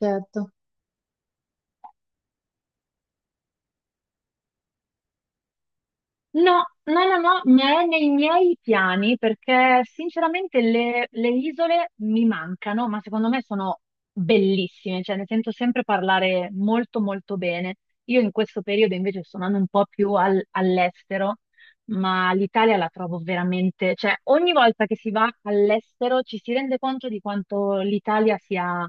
Certo. No, no, no, no, ma è nei miei piani perché sinceramente le isole mi mancano, ma secondo me sono bellissime, cioè ne sento sempre parlare molto molto bene. Io in questo periodo invece sto andando un po' più all'estero, ma l'Italia la trovo veramente, cioè ogni volta che si va all'estero ci si rende conto di quanto l'Italia sia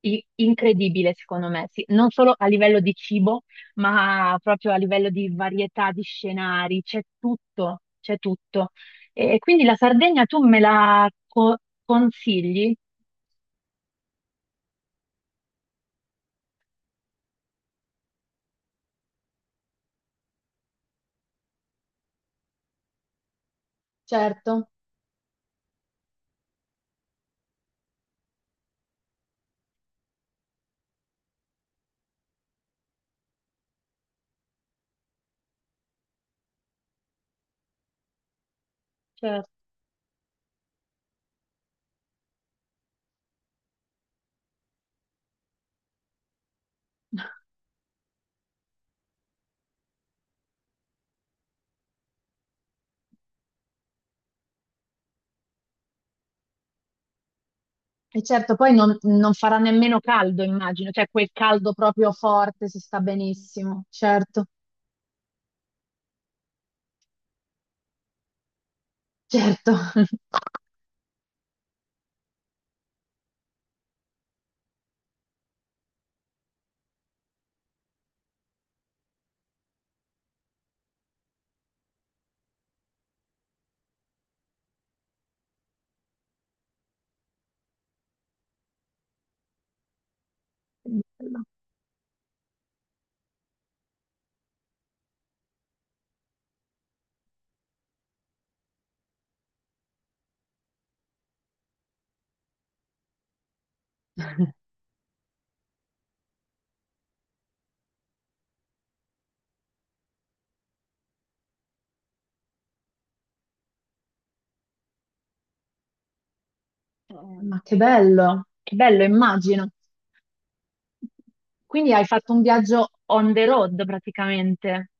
incredibile, secondo me, sì, non solo a livello di cibo ma proprio a livello di varietà di scenari, c'è tutto, c'è tutto. E quindi la Sardegna tu me la consigli? Certo. Certo. E certo, poi non farà nemmeno caldo, immagino, cioè quel caldo proprio forte si sta benissimo, certo, certo. Che bello. Ma che bello, immagino. Quindi hai fatto un viaggio on the road praticamente.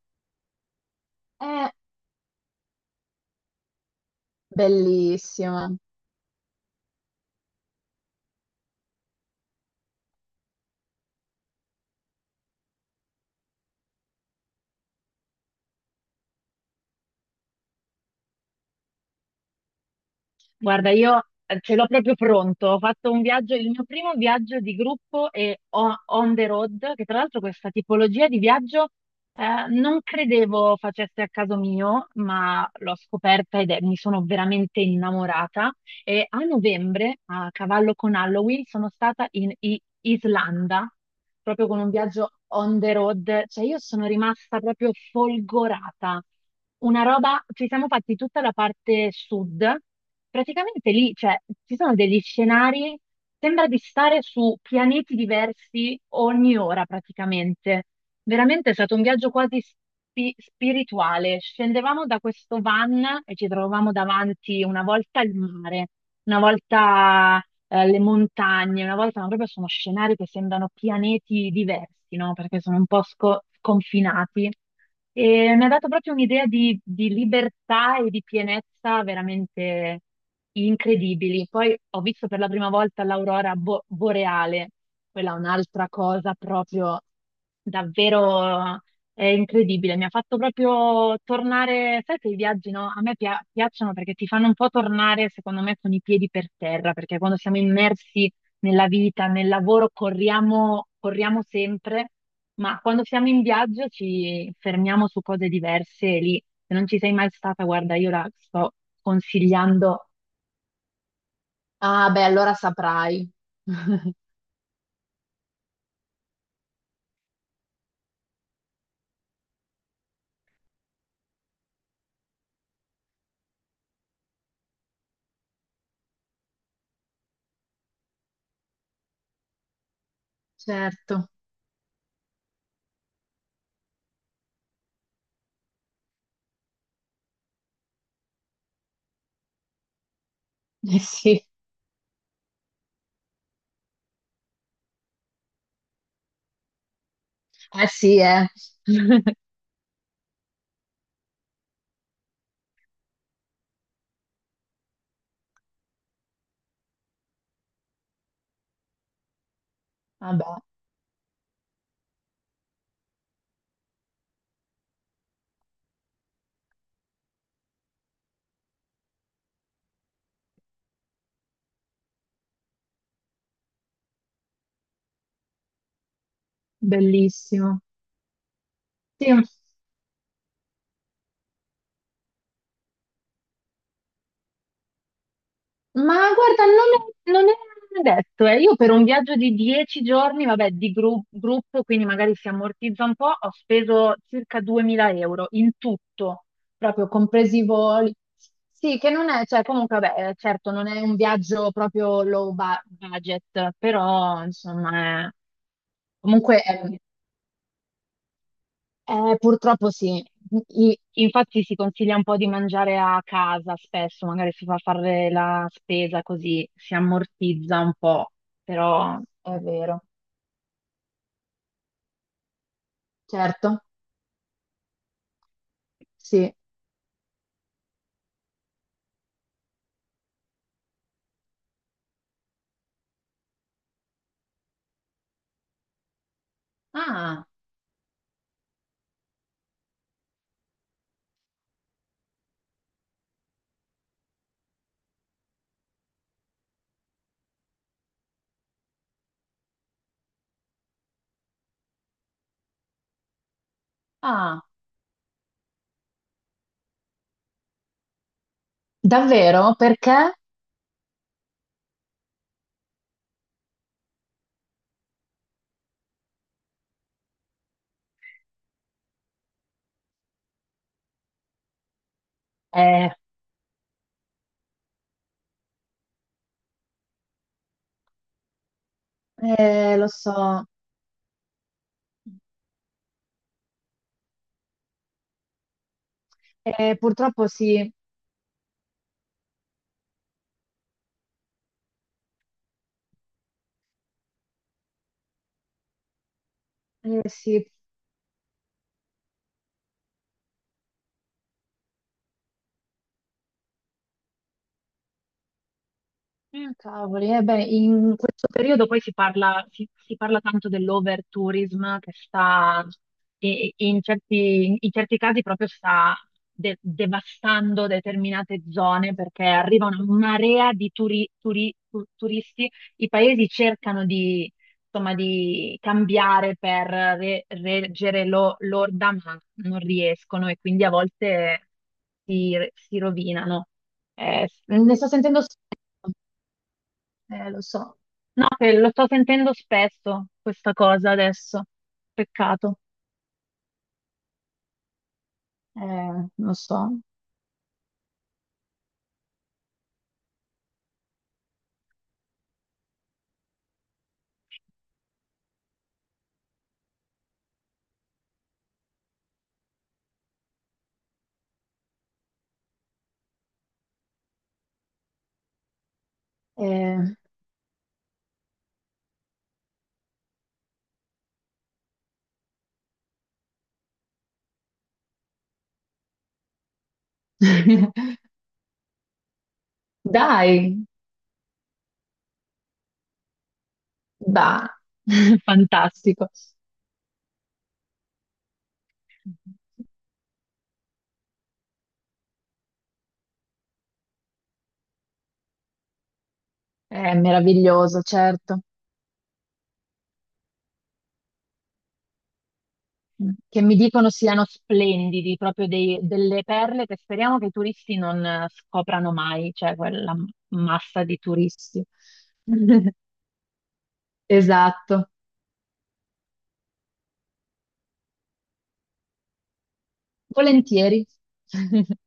È bellissimo. Guarda, io ce l'ho proprio pronto. Ho fatto un viaggio, il mio primo viaggio di gruppo e on the road, che tra l'altro questa tipologia di viaggio non credevo facesse a caso mio, ma l'ho scoperta ed mi sono veramente innamorata. E a novembre, a cavallo con Halloween, sono stata in Islanda, proprio con un viaggio on the road, cioè io sono rimasta proprio folgorata. Una roba, ci siamo fatti tutta la parte sud, praticamente lì, cioè, ci sono degli scenari, sembra di stare su pianeti diversi ogni ora praticamente. Veramente è stato un viaggio quasi spirituale. Scendevamo da questo van e ci trovavamo davanti una volta il mare, una volta le montagne, una volta, ma proprio sono scenari che sembrano pianeti diversi, no? Perché sono un po' sconfinati. E mi ha dato proprio un'idea di libertà e di pienezza veramente incredibili. Poi ho visto per la prima volta l'aurora boreale, quella è un'altra cosa proprio davvero è incredibile, mi ha fatto proprio tornare, sai che i viaggi no? A me piacciono perché ti fanno un po' tornare, secondo me, con i piedi per terra, perché quando siamo immersi nella vita, nel lavoro, corriamo, corriamo sempre, ma quando siamo in viaggio ci fermiamo su cose diverse e lì, se non ci sei mai stata, guarda, io la sto consigliando. Ah, beh, allora saprai. Certo. Eh sì, eh sì, eh. Vabbè, bellissimo. Sì. Ma guarda, non è detto, eh. Io per un viaggio di 10 giorni, vabbè, di gruppo, quindi magari si ammortizza un po', ho speso circa 2000 euro in tutto, proprio compresi i voli. Sì, che non è, cioè comunque, vabbè, certo, non è un viaggio proprio low budget, però insomma, comunque è, purtroppo sì. Infatti si consiglia un po' di mangiare a casa spesso, magari si fa fare la spesa così si ammortizza un po', però è vero. Certo, sì. Ah, ah. Davvero? Perché? Eh, eh, lo so. Purtroppo sì. Sì. Mm, cavoli, eh beh, in questo periodo poi si parla, si parla tanto dell'overtourism che sta, e in certi casi proprio sta devastando determinate zone perché arriva una marea di turisti, i paesi cercano di, insomma, di cambiare per reggere l'orda, ma non riescono e quindi a volte si rovinano. Ne sto sentendo spesso. Lo so. No, che lo sto sentendo spesso questa cosa adesso. Peccato. Lo so. Eh. Dai, bah. Fantastico. È meraviglioso, certo. Che mi dicono siano splendidi, proprio delle perle che speriamo che i turisti non scoprano mai, cioè quella massa di turisti. Esatto. Volentieri.